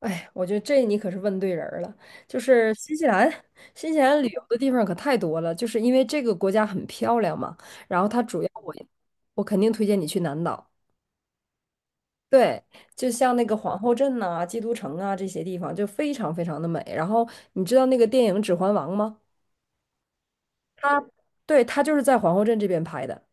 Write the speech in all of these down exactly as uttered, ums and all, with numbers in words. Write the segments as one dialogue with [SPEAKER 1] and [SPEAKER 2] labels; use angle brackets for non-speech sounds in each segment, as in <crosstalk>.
[SPEAKER 1] 哎，我觉得这你可是问对人儿了。就是新西兰，新西兰旅游的地方可太多了，就是因为这个国家很漂亮嘛。然后它主要我，我肯定推荐你去南岛。对，就像那个皇后镇呐、基督城啊这些地方，就非常非常的美。然后你知道那个电影《指环王》吗？它，对，它就是在皇后镇这边拍的。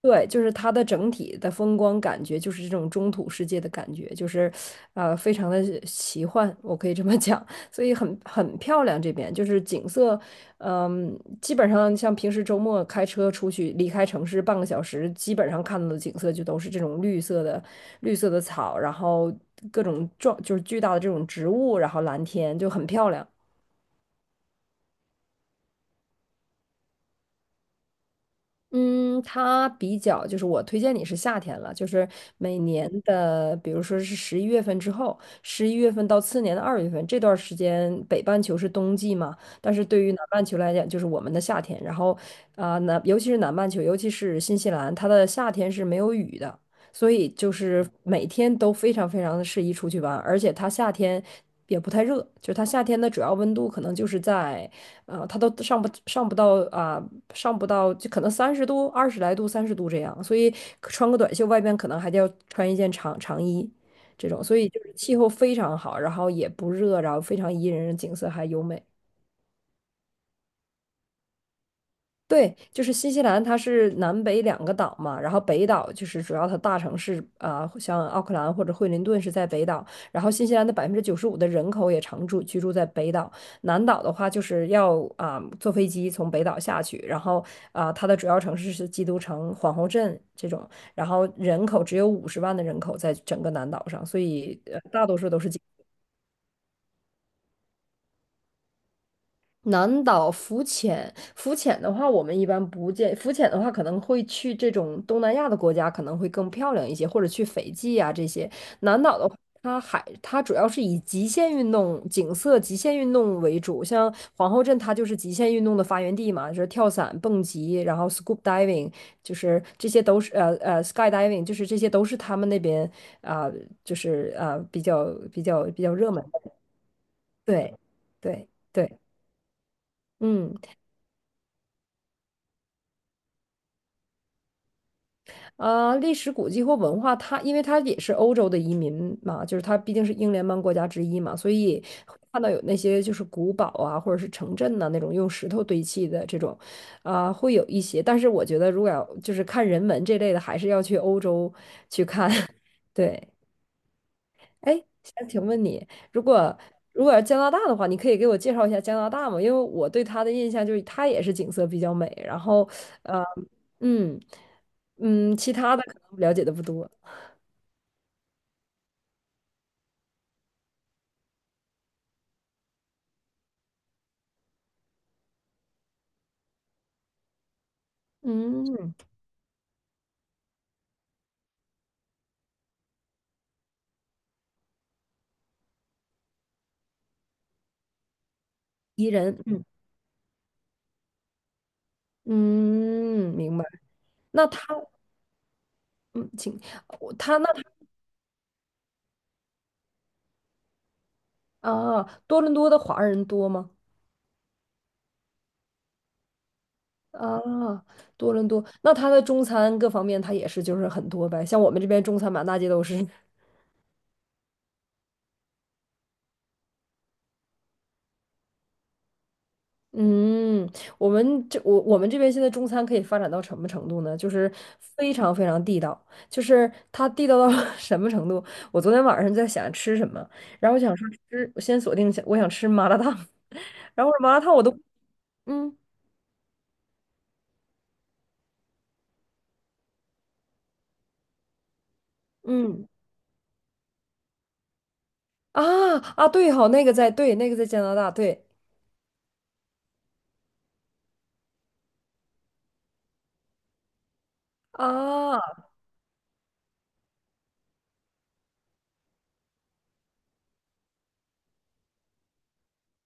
[SPEAKER 1] 对，就是它的整体的风光感觉，就是这种中土世界的感觉，就是，呃，非常的奇幻，我可以这么讲。所以很很漂亮。这边就是景色，嗯，基本上像平时周末开车出去离开城市半个小时，基本上看到的景色就都是这种绿色的绿色的草，然后各种壮就是巨大的这种植物，然后蓝天就很漂亮。嗯，它比较就是我推荐你是夏天了，就是每年的，比如说是十一月份之后，十一月份到次年的二月份这段时间，北半球是冬季嘛，但是对于南半球来讲，就是我们的夏天。然后啊，呃南、尤其是南半球，尤其是新西兰，它的夏天是没有雨的。所以就是每天都非常非常的适宜出去玩，而且它夏天也不太热，就是它夏天的主要温度可能就是在，呃，它都上不上不到啊、上不到就可能三十度、二十来度、三十度这样，所以穿个短袖，外边可能还得要穿一件长长衣这种，所以就是气候非常好，然后也不热，然后非常宜人，景色还优美。对，就是新西兰，它是南北两个岛嘛，然后北岛就是主要它大城市啊、像奥克兰或者惠灵顿是在北岛，然后新西兰的百分之九十五的人口也常住居住在北岛，南岛的话就是要啊、坐飞机从北岛下去，然后啊、它的主要城市是基督城、皇后镇这种，然后人口只有五十万的人口在整个南岛上，所以呃大多数都是。南岛浮潜，浮潜的话，我们一般不建。浮潜的话，可能会去这种东南亚的国家，可能会更漂亮一些，或者去斐济啊这些。南岛的话，它海它主要是以极限运动、景色、极限运动为主，像皇后镇，它就是极限运动的发源地嘛，就是跳伞、蹦极，然后 scuba diving，就是这些都是呃呃 skydiving，就是这些都是他们那边啊、就是啊、比较比较比较热门的对对对，嗯。啊，历史古迹或文化，它因为它也是欧洲的移民嘛，就是它毕竟是英联邦国家之一嘛，所以会看到有那些就是古堡啊，或者是城镇呐、那种用石头堆砌的这种，啊、会有一些。但是我觉得，如果要就是看人文这类的，还是要去欧洲去看。<laughs> 对，哎，想请问你，如果如果要加拿大的话，你可以给我介绍一下加拿大吗？因为我对它的印象就是它也是景色比较美，然后呃，嗯嗯。其他的可能了解的不多。嗯，宜人，嗯嗯，明白。那他，嗯，请我他那他啊，多伦多的华人多吗？啊，多伦多，那他的中餐各方面，他也是就是很多呗。像我们这边中餐满大街都是。嗯，我们这我我们这边现在中餐可以发展到什么程度呢？就是非常非常地道，就是它地道到 <laughs> 什么程度？我昨天晚上在想吃什么，然后我想说吃，我先锁定一下，我想吃麻辣烫，<laughs> 然后我说麻辣烫我都。嗯嗯啊啊，对好，那个在对，那个在加拿大，对啊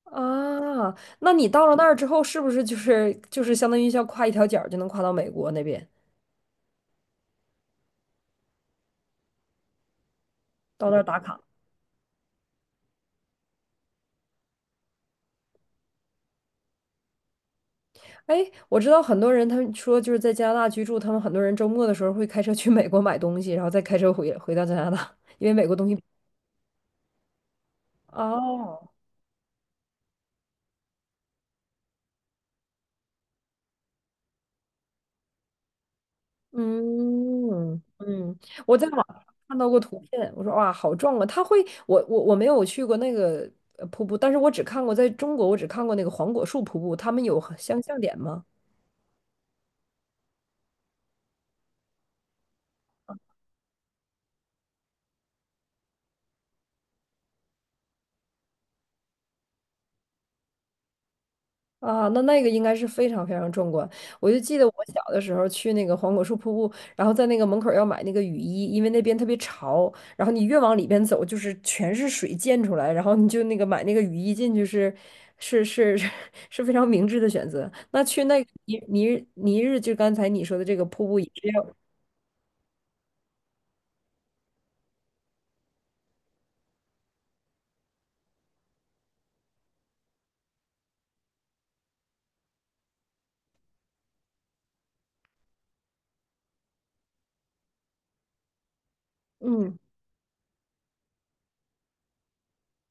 [SPEAKER 1] 啊，那你到了那儿之后，是不是就是就是相当于像跨一条角儿就能跨到美国那边，到那儿打卡？哎，我知道很多人他们说就是在加拿大居住，他们很多人周末的时候会开车去美国买东西，然后再开车回回到加拿大，因为美国东西。哦。嗯嗯，我在网上看到过图片，我说哇，好壮啊！它会，我我我没有去过那个呃瀑布，但是我只看过在中国，我只看过那个黄果树瀑布，他们有很相像点吗？啊，那那个应该是非常非常壮观。我就记得我小的时候去那个黄果树瀑布，然后在那个门口儿要买那个雨衣，因为那边特别潮，然后你越往里边走，就是全是水溅出来，然后你就那个买那个雨衣进去是是是 <laughs> 是非常明智的选择。那去那个尼尼尼日，就刚才你说的这个瀑布也是要，嗯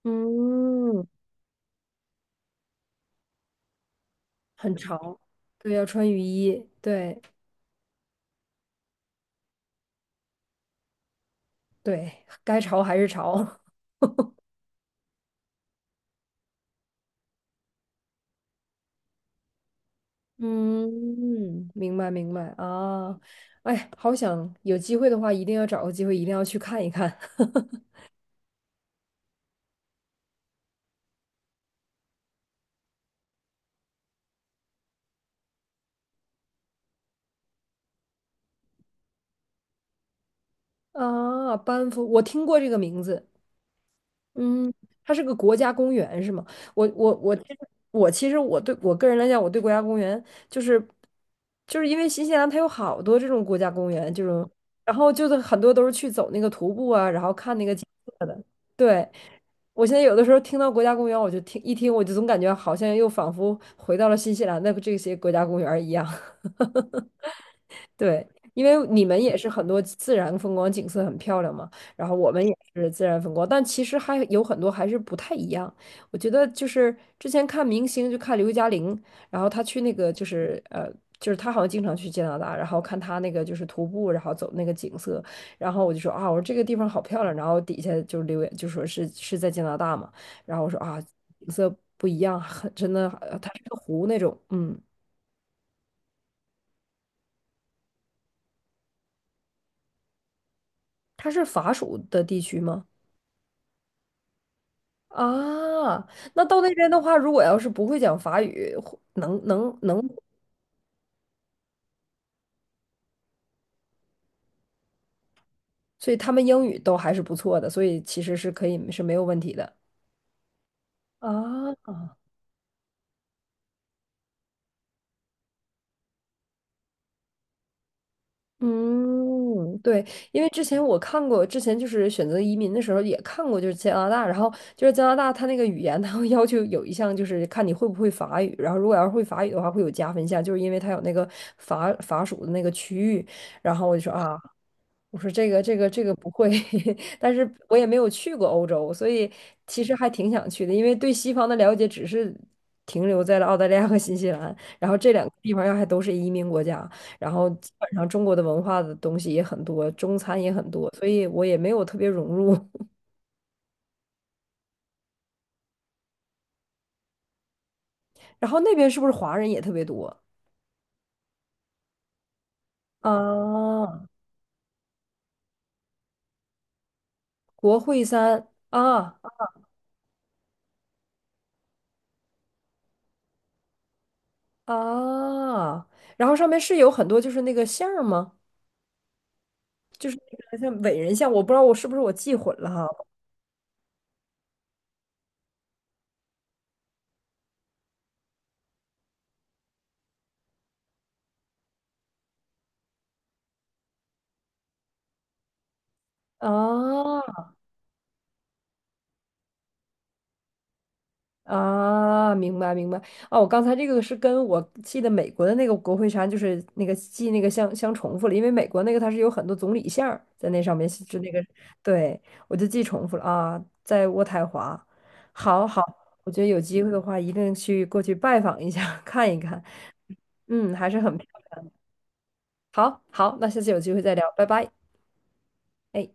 [SPEAKER 1] 嗯。很潮，对，要穿雨衣，对对，该潮还是潮。<laughs> 嗯，明白明白啊，哎，好想有机会的话，一定要找个机会，一定要去看一看。 <laughs> 啊！班夫，我听过这个名字，嗯，它是个国家公园是吗？我我我其实我其实我对我个人来讲，我对国家公园就是就是因为新西兰它有好多这种国家公园，这种然后就是很多都是去走那个徒步啊，然后看那个景色的，对。我现在有的时候听到国家公园，我就听一听，我就总感觉好像又仿佛回到了新西兰的这些国家公园儿一样。对，因为你们也是很多自然风光景色很漂亮嘛，然后我们也是自然风光，但其实还有很多还是不太一样。我觉得就是之前看明星，就看刘嘉玲，然后她去那个就是呃，就是她好像经常去加拿大，然后看她那个就是徒步，然后走那个景色，然后我就说啊，我说这个地方好漂亮，然后底下就留言就说是是在加拿大嘛，然后我说啊，景色不一样，很真的，呃它是个湖那种，嗯，它是法属的地区吗？啊，那到那边的话，如果要是不会讲法语，或能能能，所以他们英语都还是不错的，所以其实是可以是没有问题的。啊，嗯，对，因为之前我看过，之前就是选择移民的时候也看过，就是加拿大，然后就是加拿大，它那个语言，它会要求有一项就是看你会不会法语，然后如果要是会法语的话，会有加分项，就是因为它有那个法法属的那个区域，然后我就说啊，我说这个这个这个不会，<laughs> 但是我也没有去过欧洲，所以其实还挺想去的，因为对西方的了解只是停留在了澳大利亚和新西兰，然后这两个地方要还都是移民国家，然后基本上中国的文化的东西也很多，中餐也很多，所以我也没有特别融入。<laughs> 然后那边是不是华人也特别多啊？国会山啊啊，然后上面是有很多就是那个像儿吗？就是那个像伟人像，我不知道我是不是我记混了哈。啊啊，明白明白。哦，我刚才这个是跟我记得美国的那个国会山，就是那个记那个相相重复了，因为美国那个它是有很多总理像儿在那上面，是那个，对，我就记重复了啊，在渥太华。好好，我觉得有机会的话，一定去过去拜访一下，<laughs> 看一看。嗯，还是很漂亮。好好，那下次有机会再聊，拜拜。哎。